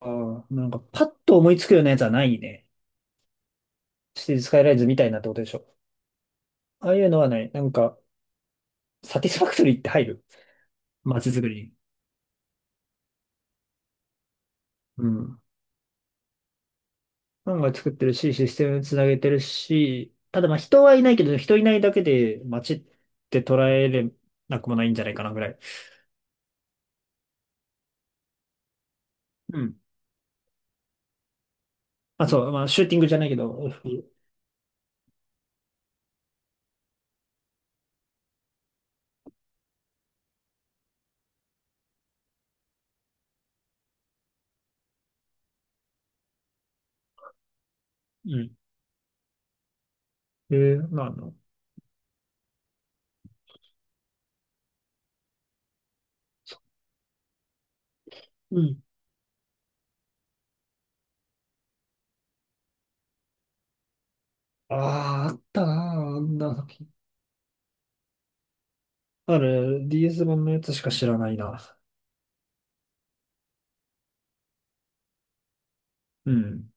ああ、なんかパッと思いつくようなやつはないね。シティスカイライズみたいなってことでしょ。ああいうのはない。なんか、サティスファクトリーって入る。街づくりに。うん。ファンが作ってるし、システムつなげてるし、ただまあ人はいないけど、人いないだけで街って捉えれなくもないんじゃないかなぐらい。うん。あ、そう、まあシューティングじゃないけど、うん。まあうん。ああ、あったなあ、あんな作品。ある DS 版のやつしか知らないな。うん。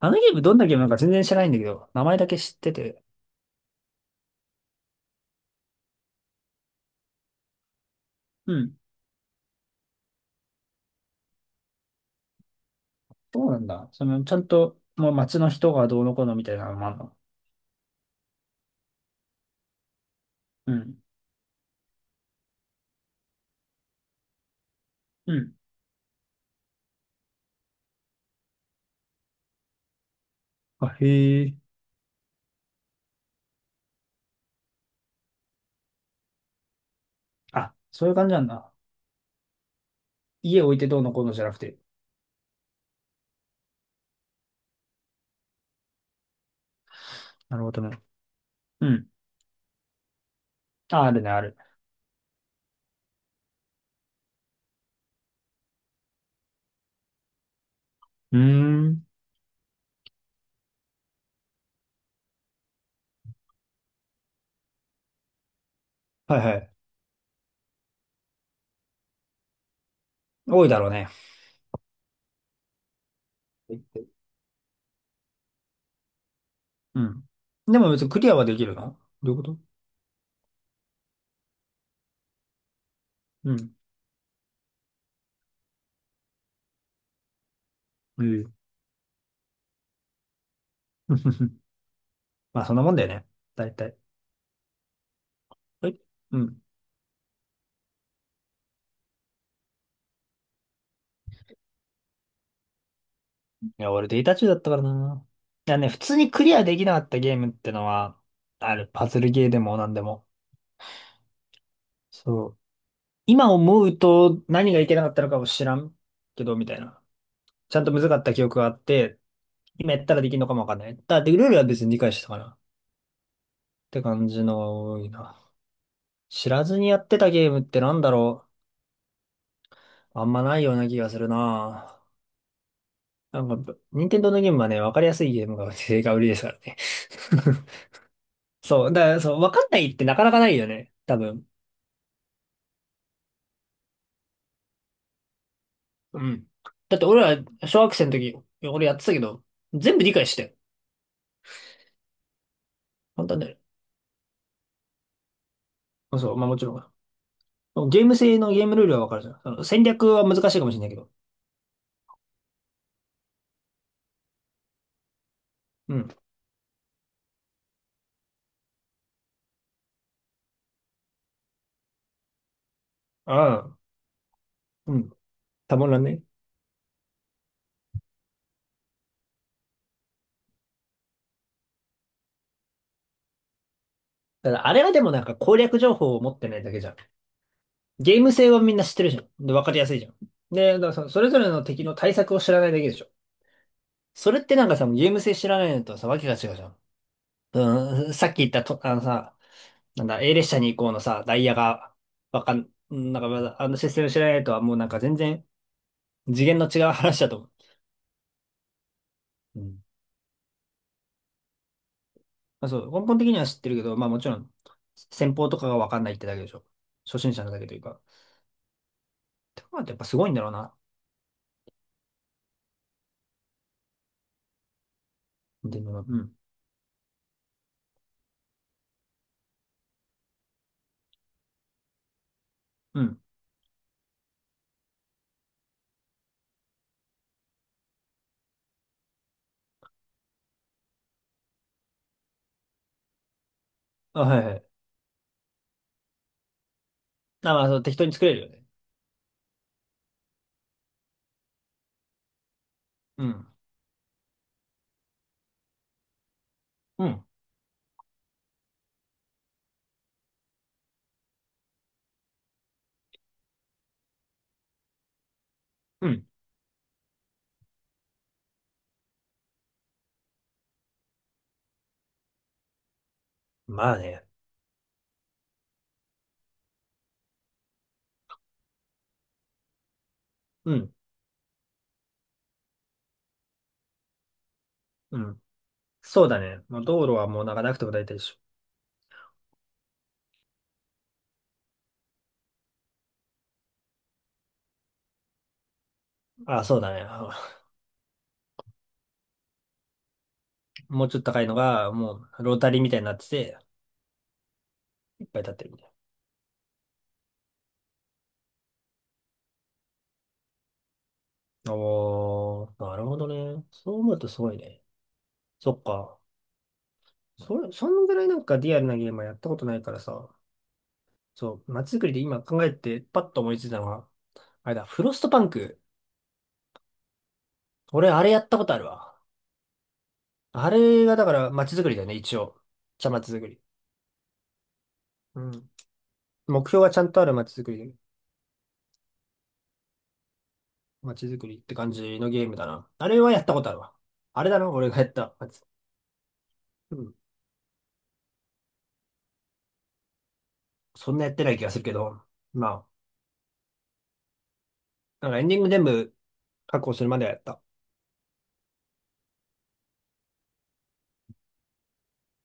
あのゲームどんなゲームなのか全然知らないんだけど、名前だけ知ってて。うん。そうなんだ。その、ちゃんと、もう街の人がどうのこうのみたいなのもあるの？うん。うん。あ、へえ。あ、そういう感じなんだ。家置いてどうのこうのじゃなくて。なるほどね。うん。あ、あるね、ある。うーん。はいはい。多いだろうね。うん。でも別にクリアはできるの？どういうこと？うん。ええ。まあそんなもんだよね。大体。えうん。いや、俺データ中だったからな。いやね、普通にクリアできなかったゲームってのは、ある、パズルゲーでもなんでも。そう。今思うと何がいけなかったのかも知らんけど、みたいな。ちゃんと難かった記憶があって、今やったらできるのかもわかんない。だってルールは別に理解してたかな。って感じの多いな。知らずにやってたゲームってなんだろう。あんまないような気がするな。なんか、任天堂のゲームはね、わかりやすいゲームが、が売りですからね。そう。だから、そう、わかんないってなかなかないよね。多分。うん。だって俺ら、小学生の時、俺やってたけど、全部理解してよ。簡単だよ。そう、まあもちろん。ゲーム性のゲームルールはわかるじゃん。その戦略は難しいかもしれないけど。うん。ああ。うん。たまらんね。ただ、あれはでもなんか攻略情報を持ってないだけじゃん。ゲーム性はみんな知ってるじゃん。で、わかりやすいじゃん。で、だからそのそれぞれの敵の対策を知らないだけでしょ。それってなんかさ、ゲーム性知らないのとさ、わけが違うじゃん。うん、さっき言ったと、あのさ、なんだ、A 列車に行こうのさ、ダイヤが、わかん、なんかまだ、あのシステム知らないとはもうなんか全然次元の違う話だと思う。うん。まあ、そう、根本的には知ってるけど、まあもちろん、先方とかがわかんないってだけでしょ。初心者なだけというか。ってことはやっぱすごいんだろうな。でも、うん。うん。あ、はいはい。あ、まあ、そう適当に作れるよね。うん。うん。うん。まあね。うん。うん。そうだね。まあ、道路はもうなんかなくても大体でしょ。あ、そうだね。もうちょっと高いのが、もう、ロータリーみたいになってて、いっぱい立ってるみたいな。ああ、なるほどね。そう思うとすごいね。そっか。それ、そんぐらいなんかリアルなゲームはやったことないからさ。そう、街づくりで今考えてパッと思いついたのが、あれだ、フロストパンク。俺、あれやったことあるわ。あれがだから街づくりだよね、一応。じゃ街づくり。うん。目標がちゃんとある街づくり、街づくりって感じのゲームだな。あれはやったことあるわ。あれだな、俺がやったやつ。うん。そんなやってない気がするけど。まあ、なんかエンディング全部確保するまではやった。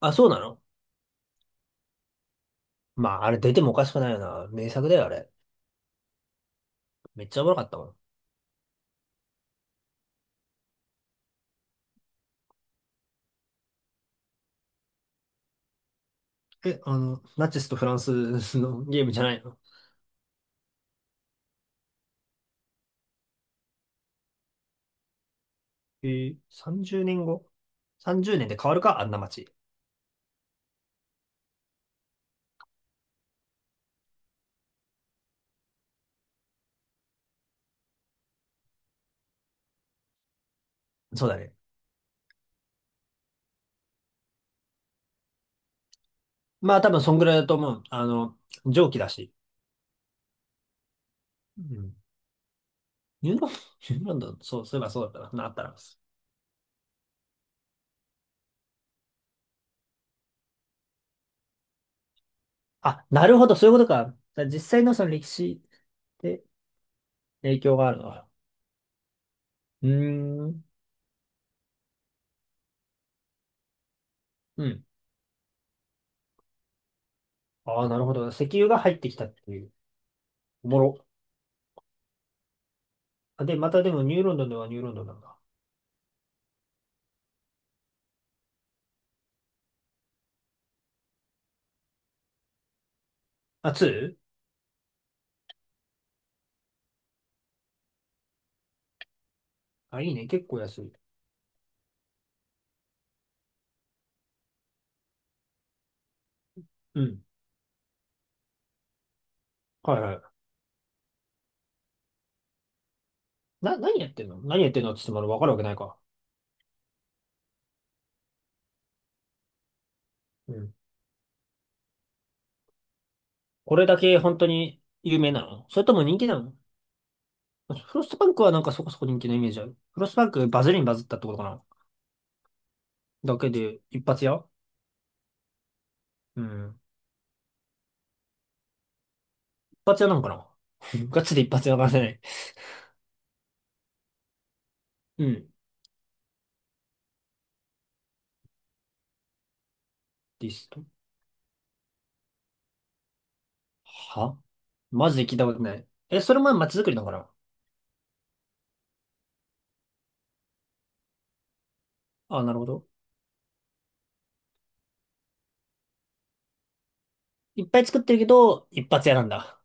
あ、そうなの？まあ、あれ出てもおかしくないよな。名作だよ、あれ。めっちゃおもろかったもん。え、あの、ナチスとフランスのゲームじゃないの？30年後？ 30 年で変わるかあんな街。そうだね。まあ、多分そんぐらいだと思う。あの、蒸気だし。うん。ニューロン、ニューロンドン、そう、そういえばそうだったな。なったら。あ、なるほど、そういうことか。だから実際のその歴史で影響があるのか？うーん。うん。ああ、なるほど。石油が入ってきたっていう。おもろ。あで、またでもニューロンドンではニューロンドンなんだ。あ、2？ あ、いいね。結構安い。うん。はいはい。な、何やってんの？何やってんのって言ってもらわかるわけないか。うん。これだけ本当に有名なの？それとも人気なの？フロストパンクはなんかそこそこ人気のイメージある。フロストパンクバズりにバズったってことかな？だけで一発屋？うん。一発屋なのかな？ ガチで一発屋からせない。うん。リストはマジで聞いたことない。え、それも街づくりなのかな？あ、なるほど。いっぱい作ってるけど、一発屋なんだ。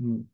うん。